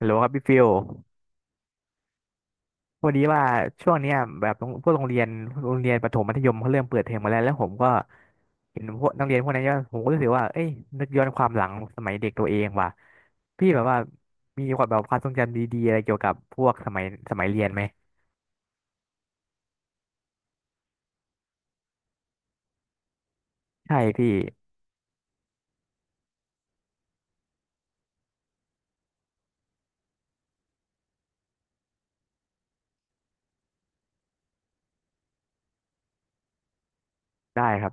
ฮัลโหลครับพี่ฟิลพอดีว่าช่วงเนี้ยแบบโรงพวกโรงเรียนประถมมัธยมเขาเริ่มเปิดเทอมมาแล้วแล้วผมก็เห็นพวกนักเรียนพวกนั้นเยอะผมก็รู้สึกว่าเอ้ยนึกย้อนความหลังสมัยเด็กตัวเองว่ะพี่แบบว่ามีความแบบความทรงจำดีๆอะไรเกี่ยวกับพวกสมัยเรียนไหมใช่พี่ได้ครับ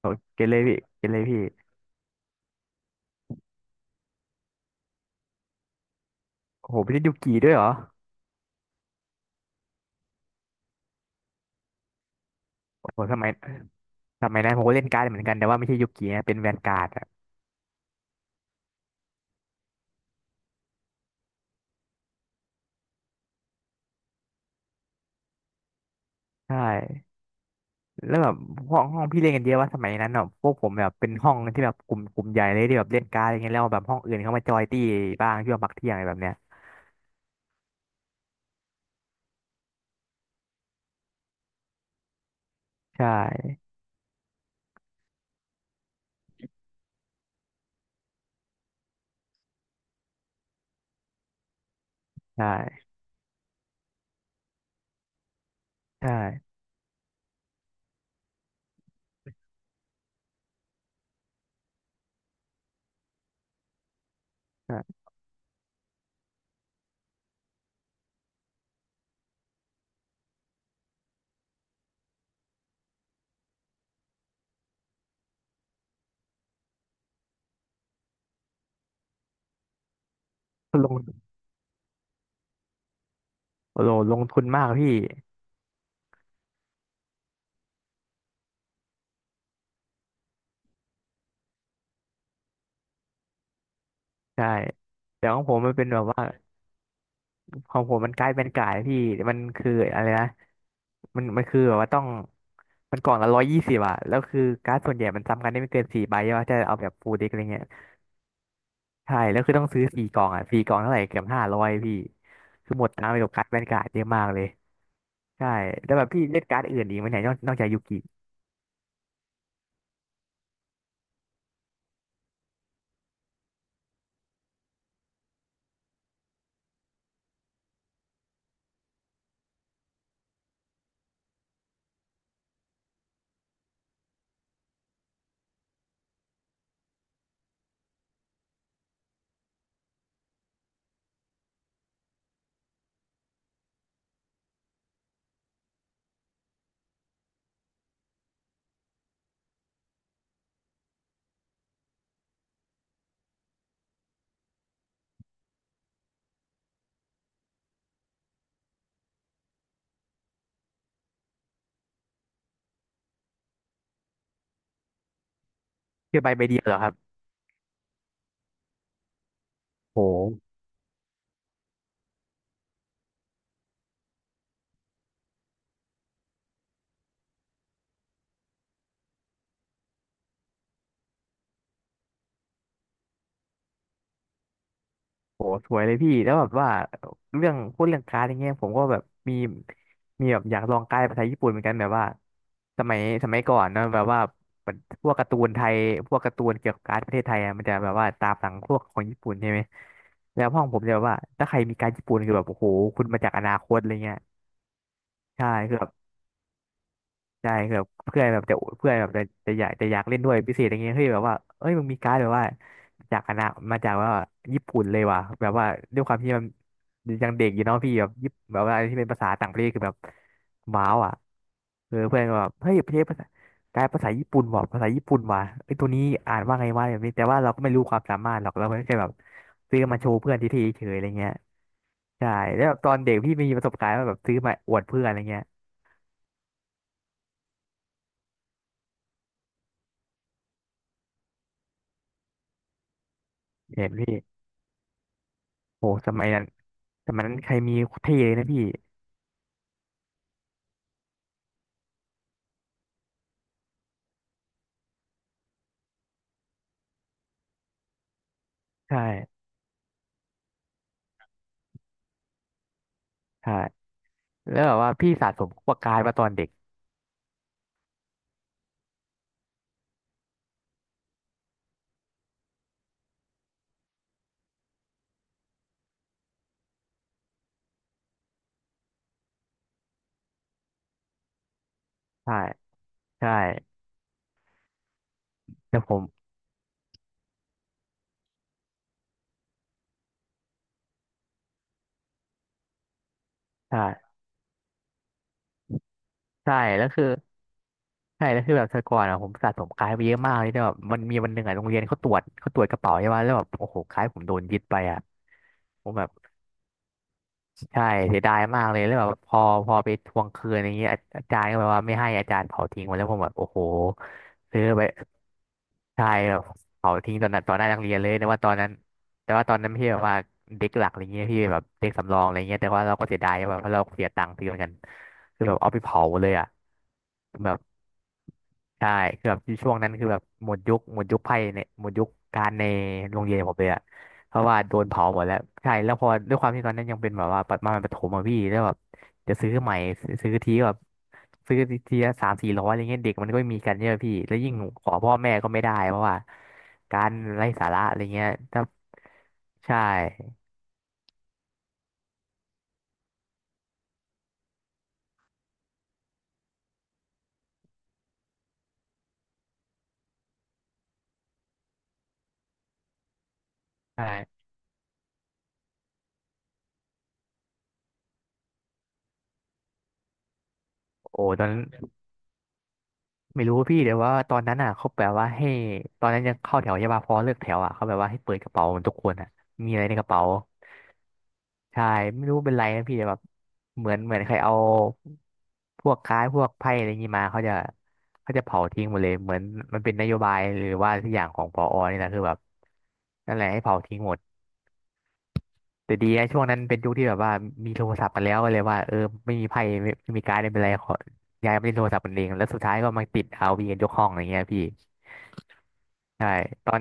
โอเกนเลยพี่เกนเลยพี่โอ้โหไม่ใช่ยุกีด้วยเหรอโอ้โหสมัยนั้นผมก็เล่นการ์ดเหมือนกันแต่ว่าไม่ใช่ยุกีนะเป็นแวนการ์ดอะใช่ แล้วแบบห้องพี่เล่นกันเยอะว่าสมัยนั้นเนาะพวกผมแบบเป็นห้องที่แบบกลุ่มใหญ่เลยที่แบบเล่นการ์ดอะไรเงี้ยแล้วแบบห้องอื่นเขามาจอยตี้บ้างช่วงพักเที่ยงอะไรแบบเนี้ยใช่ใช่ใช่ใช่ลงโอ้โหลงทุนมากพี่ใช่แต่ของผมมันเป็นแบบว่าของผมมันกลายเป็นกลายพี่มันคืออะไรนะมันคือแบบว่าต้องมันกล่องละ120อะแล้วคือการ์ดส่วนใหญ่มันซ้ำกันได้ไม่เกินสี่ใบใช่ปะถ้าเอาแบบฟูลเด็กอะไรเงี้ย ใช่แล้วคือต้องซื้อสี่กล่องอ่ะสี่กล่องเท่าไหร่เกือบ500พี่คือหมดตังค์ไปกับการ์ดแวนการ์ดเยอะมากเลยใช่แล้วแบบพี่เล่นการ์ดอื่นอีกไหมเนี่ยนอกจากยูกิคือใบเดียวเหรอครับโหโหสวยเลยพี่แล้วแบบว่าเรื่องพูดเรื่องการ์ดอย่างเงี้ยผมก็แบบมีมีแบบอยากลองการ์ดภาษาญี่ปุ่นเหมือนกันแบบว่าสมัยก่อนเนอะแบบว่าพวกการ์ตูนไทยพวกการ์ตูนเกี่ยวกับการ์ดประเทศไทยอะมันจะแบบว่าตามหลังพวกของญี่ปุ่นใช่ไหมแล้วห้องผมจะแบบว่าถ้าใครมีการ์ดญี่ปุ่นคือแบบโอ้โหคุณมาจากอนาคตอะไรเงี้ย ใช่คือแบบใช่คือแบบเพื่อนแบบจะเพื่อนแบบจะจะอยากเล่นด้วยพิเศษอะไรเงี้ยเฮ้ยแบบว่าเอ้ยมึงมีการ์ดแบบว่าจากคนะมาจากว่าญี่ปุ่นเลยว่ะแบบว่าด้วยความที่มันยังเด็กอยู่เนาะพี่แบบญี่ปนแบบว่าอะไรที่เป็นภาษาต่างประเทศคือแบบว้าวอ่ะเออเพื่อนก็แบบเฮ้ยประเทศภาษาการ์ดภาษาญี่ปุ่นว่ะภาษาญี่ปุ่นว่ะไอ้ยตัวนี้อ่านว่าไงวะแบบนี้แต่ว่าเราก็ไม่รู้ความสามารถหรอกเราแค่แบบซื้อมาโชว์เพื่อนทีๆเฉยๆอะไรเงี้ยใช่แล้วแบบตอนเด็กพี่มีประสบการณ์ว่าแบบซื้อมาอวดเพื่อนอะไรเงี้ยเห็นพี่ โหสมัยนั้นสมัยนั้นใครมีเท่เลยนะพี่ใช่ใช่แล้วแบบว่าพี่สะสมพวกกายมาตอนเด็กใช่ใช่แล่ผมใช่ใช่แล้วคือใช่แล้วคือแบบแต่ก่อนอ่ะผมสะสมกายไปเยอะมากเลยแต่แบบมันมีวันหนึ่งอ่ะโรงเรียนเขาตรวจเขาตรวจกระเป๋าใช่ไหมแล้วแบบโอ้โหกายผมโดนยึดไปอ่ะผมแบบใช่เสียดายมากเลยแล้วแบบพอไปทวงคืนอย่างเงี้ยอาจารย์ก็แบบว่าไม่ให้อาจารย์เผาทิ้งหมดแล้วผมแบบโอ้โหซื้อไป ใช่แบบเผาทิ้งตอนนั้นตอนหน้านักเรียนเลยแต่ว่าตอนนั้นแต่ว่าตอนนั้นไม่ใช่แบบว่าเด็กหลักอะไรเงี้ยพี่แบบเด็กสำรองอะไรเงี้ยแต่ว่าเราก็เสียดายแบบเพราะเราเสียตังค์ซื้อเหมือนกันคือแบบเอาไปเผาเลยอ่ะแบบ ใช่คือแบบช่วงนั้นคือแบบหมดยุคไพ่เนี่ยหมดยุคการในโรงเรียนผมเลยอะเพราะว่าโดนเผาหมดแล้วใช่แล้วพอด้วยความที่ตอนนั้นยังเป็นแบบว่าประมาณประถมอะพี่แล้วแบบจะซื้อใหม่ซื้อทีก็แบบซื้อทีละสามสี่ร้อยอะไรเงี้ยเด็กมันก็ไม่มีกันเยอะพี่แล้วยิ่งขอพ่อแม่ก็ไม่ได้เพราะว่าการไร้สาระอะไรเงี้ยถ้าใช่ใช่โอ้ตอนนั้น ไม่รู้พี่แต่ว่าตอนนั้นอ่ะเขาแบบว่าให้ตอนนั้นยังเข้าแถวใช่ป่ะพอเลิกแถวอ่ะเขาแบบว่าให้เปิดกระเป๋าเหมือนทุกคนอ่ะมีอะไรในกระเป๋าใช่ไม่รู้เป็นไรนะพี่แต่แบบเหมือนใครเอาพวกค้ายพวกไพ่อะไรองี้มาเขาจะเผาทิ้งหมดเลยเหมือนมันเป็นนโยบายหรือว่าทุกอย่างของผอนี่แหละคือแบบนั่นแหละให้เผาทิ้งหมดแต่ดีนะช่วงนั้นเป็นยุคที่แบบว่ามีโทรศัพท์กันแล้วก็เลยว่าเออไม่มีไพ่ไม่ไมมีการ์ดไม่เป็นไรขอย้ายไปเล่นโทรศัพท์กันเองแล้วสุดท้ายก็มาติดเอาร์วีกันยกห้องอะไรเงี้ยพี่ ใช่ตอน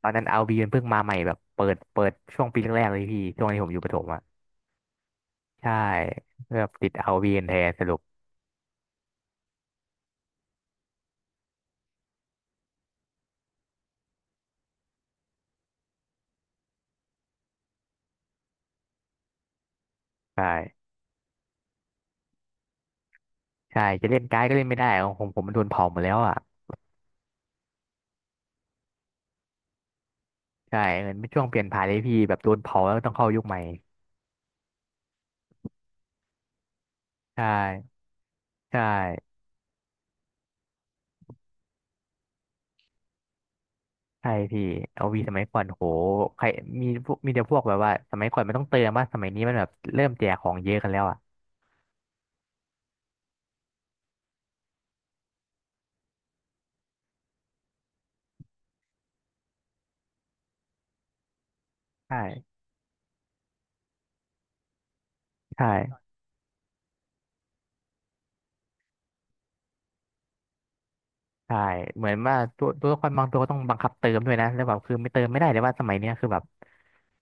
ตอนนั้นเอาบีมันเพิ่งมาใหม่แบบเปิดช่วงปีแรกๆเลยพี่ช่วงที่ผมอยู่ประถมอ่ะใช่แบบติดเอาบีแทนสรุปใช่ใช่จะเล่นการ์ดก็เล่นไม่ได้ของผมมันโดนเผาหมดแล้วอ่ะใช่เหมือนเป็นช่วงเปลี่ยนผ่านเลยพี่แบบโดนเผาแล้วต้องเข้ายุคใหม่ใช่ใช่ใช่พี่เอาวีสมัยก่อนโหใครมีแต่พวกแบบว่าสมัยก่อนมันต้องเติมว่าสมัยนี้มันแบบเริ่มแจกของเยอะกันแล้วอ่ะใช่ใช่ ใช่เหมือนว่าตัวละครบางตัวก็ต้องบังคับเติมด้วยนะแล้วแบบคือไม่เติมไม่ได้เลยว่าสมัยเนี้ยคือแบบ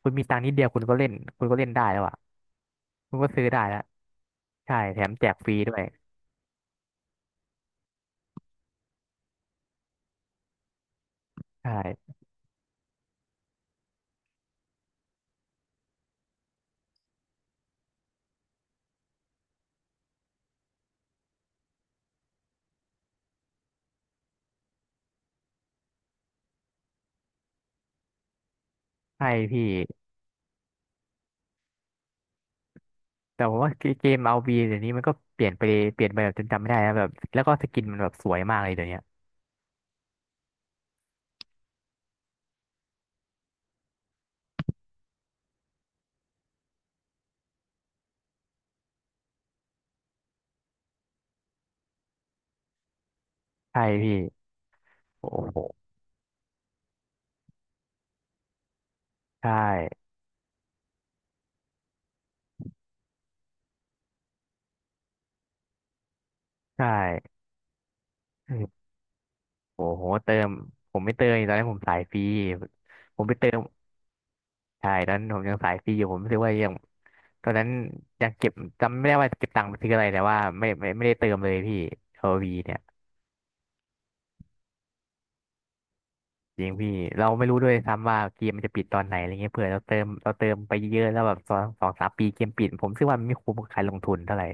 คุณมีตังค์นิดเดียวคุณก็เล่นคุณก็เล่นได้แล้วอ่ะคุณก็ซื้อได้แล้วใช่แถมแจกฟรีด้วยใช่ใช่พี่แต่ผมว่าเกมเอาบีเดี๋ยวนี้มันก็เปลี่ยนไปเปลี่ยนไปแบบจนจำไม่ได้นะแบบแล้วก็สกินมันแบบสวยมากเลยเดี๋ยวเนี้ยใช่พี่โอ้โหใช่ใช่เออโอ้โหเติมผมไม่เติมตอนนี้นผมสายฟรีผมไปเติมใช่ตอนนั้นผมยังสายฟรีอยู่ผมรู้สึกว่ายัง ตอนนั้นยังเก็บจำไม่ได้ว่าเก็บตังค์ไปซื้ออะไรแต่ว่าไม่ได้เติมเลยพี่โอลวีเนี่ยจริงพี่เราไม่รู้ด้วยซ้ำว่าเกมมันจะปิดตอนไหนอะไรเงี้ยเผื่อเราเติมเราเติมไปเยอะแล้วแบบสองสามปีเกมปิดผมคิดว่ามันไม่คุ้มกับการลงทุนเท่าไหร่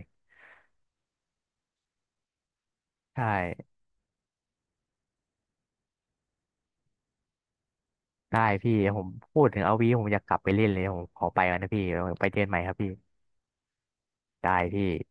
ใช่ได้พี่ผมพูดถึงเอลวีผมอยากกลับไปเล่นเลยผมขอไปก่อนนะพี่ไปเจอกันใหม่ครับพี่ได้พี่